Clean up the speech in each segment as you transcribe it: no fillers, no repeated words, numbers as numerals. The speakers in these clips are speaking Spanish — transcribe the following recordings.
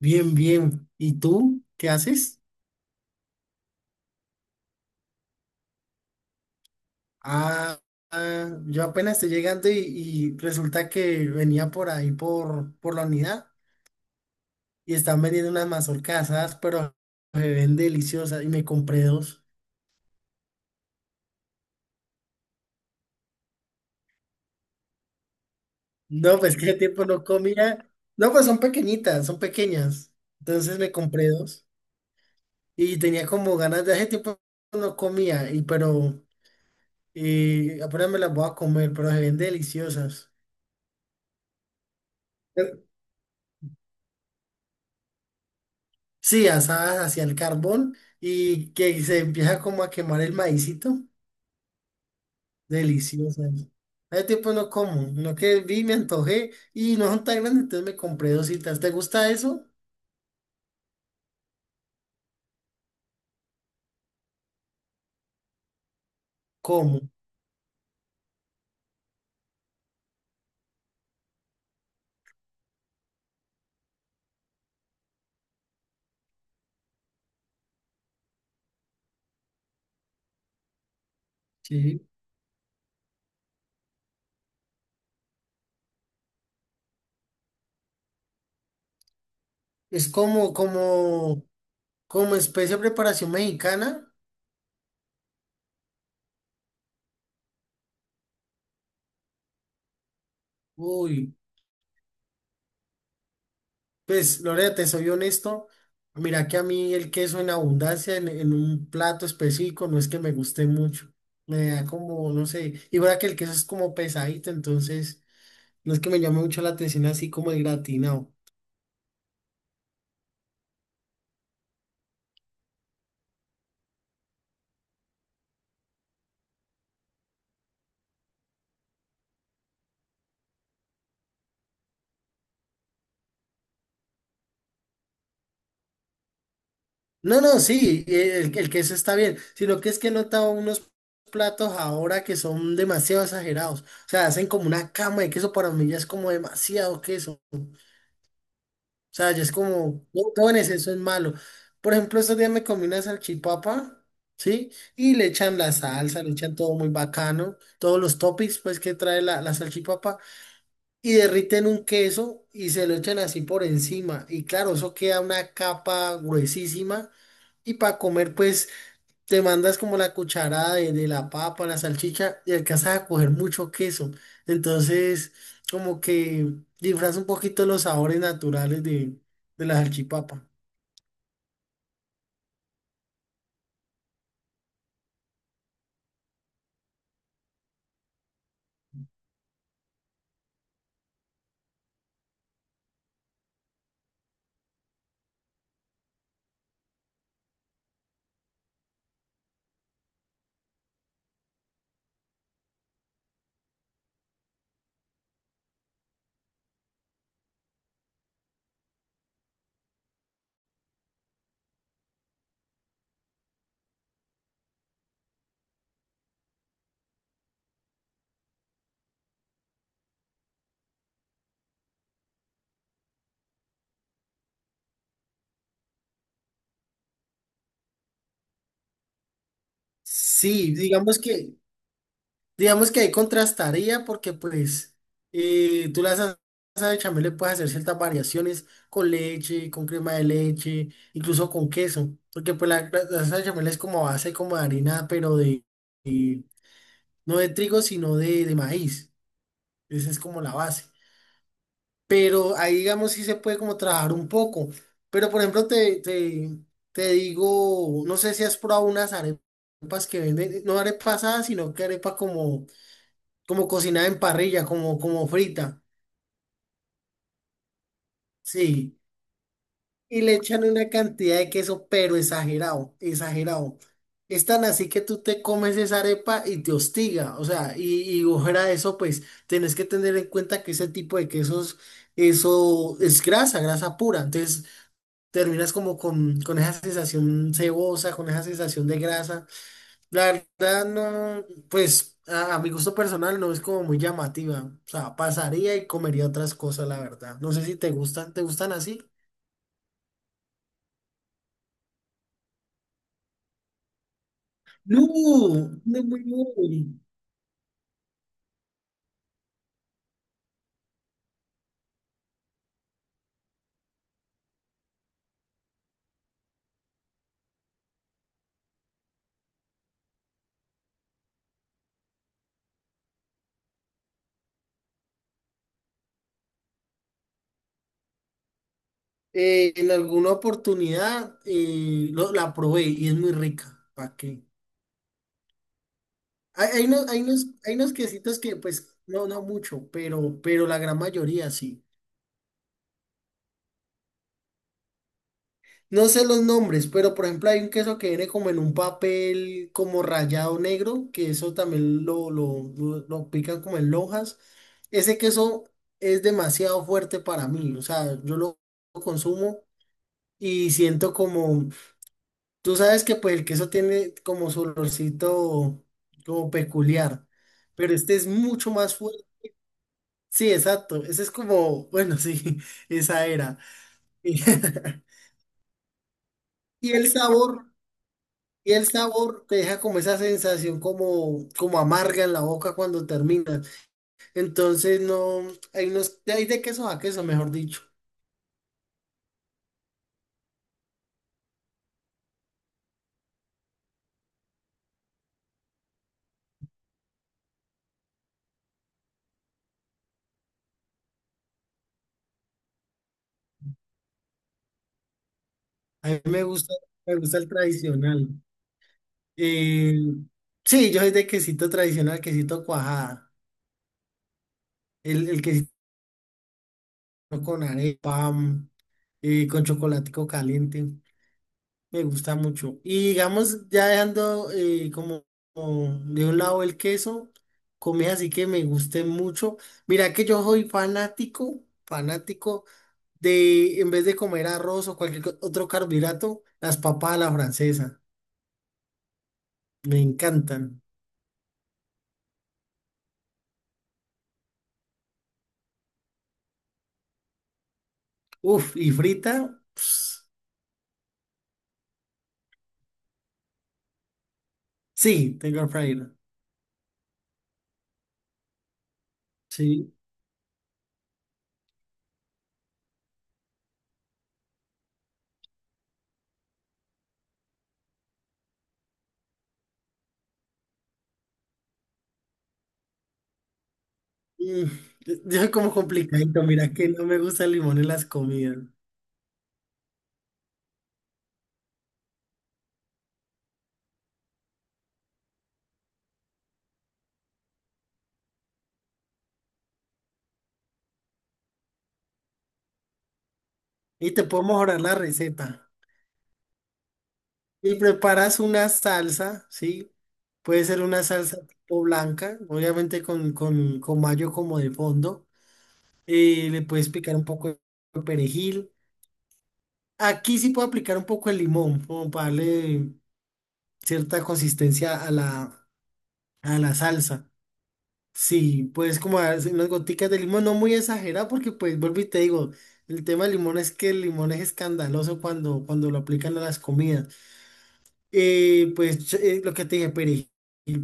Bien, bien. ¿Y tú qué haces? Ah, ah, yo apenas estoy llegando y resulta que venía por ahí por la unidad y están vendiendo unas mazorcas asadas, pero se ven deliciosas y me compré dos. No, pues qué tiempo no comía. No, pues son pequeñitas, son pequeñas. Entonces me compré dos y tenía como ganas de hace tiempo no comía, y pero apenas me las voy a comer, pero se ven deliciosas. Sí, asadas hacia el carbón y que se empieza como a quemar el maicito. Delicioso eso. Hace tiempo no como, no que vi, me antojé y no son tan grandes, entonces me compré dos dositas. ¿Te gusta eso? Como. Sí. Es como especie de preparación mexicana. Uy, pues Lorena, te soy honesto. Mira que a mí el queso en abundancia en un plato específico no es que me guste mucho. Me da como, no sé, y ahora que el queso es como pesadito, entonces no es que me llame mucho la atención así como el gratinado. No, no, sí, el queso está bien, sino que es que he notado unos platos ahora que son demasiado exagerados. O sea, hacen como una cama de queso, para mí ya es como demasiado queso. O sea, ya es como, no, todo en exceso es malo. Por ejemplo, estos días me comí una salchipapa, ¿sí? Y le echan la salsa, le echan todo muy bacano, todos los toppings pues que trae la salchipapa, y derriten un queso y se lo echan así por encima. Y claro, eso queda una capa gruesísima. Y para comer, pues te mandas como la cucharada de la papa, la salchicha y alcanzas a coger mucho queso. Entonces, como que disfraza un poquito los sabores naturales de la salchipapa. Sí, digamos que digamos que ahí contrastaría porque pues tú la salsa de chamel le puedes hacer ciertas variaciones con leche, con crema de leche, incluso con queso, porque pues la salsa de chamel es como a base como de harina, pero de- no de trigo, sino de maíz. Esa es como la base. Pero ahí digamos sí se puede como trabajar un poco. Pero por ejemplo te digo, no sé si has probado unas arepas que venden, no arepas asadas, sino que arepa como cocinada en parrilla, como frita, sí. Y le echan una cantidad de queso, pero exagerado, exagerado. Es tan así que tú te comes esa arepa y te hostiga, o sea, y fuera de eso, pues tenés que tener en cuenta que ese tipo de quesos, eso es grasa, grasa pura. Entonces terminas como con esa sensación cebosa, con esa sensación de grasa. La verdad no, pues a mi gusto personal no es como muy llamativa. O sea, pasaría y comería otras cosas, la verdad. No sé si te gustan, ¿te gustan así? No, no, muy no. En alguna oportunidad la probé y es muy rica. ¿Para qué? Hay unos quesitos que pues no, no mucho, pero la gran mayoría sí. No sé los nombres, pero por ejemplo hay un queso que viene como en un papel como rayado negro, que eso también lo pican como en lonjas. Ese queso es demasiado fuerte para mí, o sea, yo lo consumo y siento como, tú sabes que pues el queso tiene como su olorcito como peculiar, pero este es mucho más fuerte. Sí, exacto, ese es como, bueno, sí, esa era. Y el sabor. Y el sabor te deja como esa sensación como, como amarga en la boca cuando terminas. Entonces no, hay unos, hay de queso a queso, mejor dicho. A mí me gusta el tradicional. Eh, sí, yo soy de quesito tradicional, quesito cuajada. El quesito con arepa, mm, con chocolatico caliente. Me gusta mucho. Y digamos, ya dejando como, como de un lado el queso, comida así que me guste mucho. Mira que yo soy fanático, fanático de, en vez de comer arroz o cualquier otro carbohidrato, las papas a la francesa. Me encantan. Uf, y frita, ps, sí, tengo frita. Sí. Mm, yo soy como complicadito, mira que no me gusta el limón en las comidas. Y te puedo mejorar la receta. Y preparas una salsa, ¿sí? Puede ser una salsa tipo blanca, obviamente con mayo como de fondo. Le puedes picar un poco de perejil. Aquí sí puedo aplicar un poco de limón, como para darle cierta consistencia a a la salsa. Sí, puedes como hacer unas goticas de limón, no muy exagerado, porque pues vuelvo y te digo, el tema del limón es que el limón es escandaloso cuando lo aplican a las comidas. Pues lo que te dije, perejil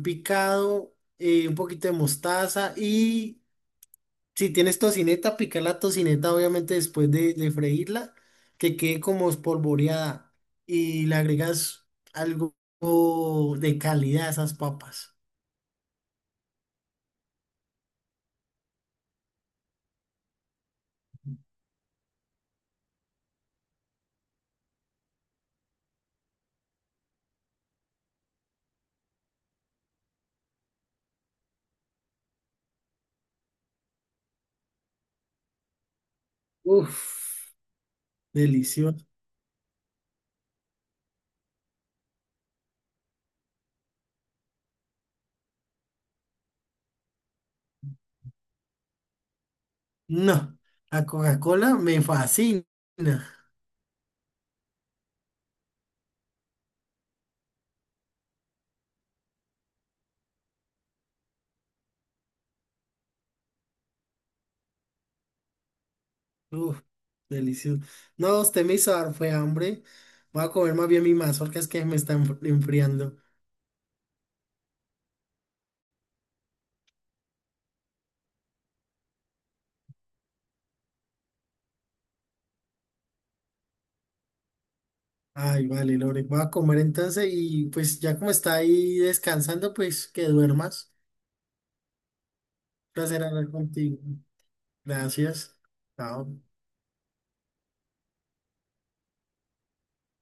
picado, un poquito de mostaza y si tienes tocineta, pica la tocineta obviamente después de freírla, que quede como espolvoreada y le agregas algo de calidad a esas papas. Uf, delicioso. No, la Coca-Cola me fascina. Uf, delicioso. No, usted me hizo dar fue hambre. Voy a comer más bien mi mazorca, es que me está enfriando. Ay, vale, Lore, voy a comer entonces y pues ya como está ahí descansando, pues que duermas. Un placer hablar contigo. Gracias. Chao.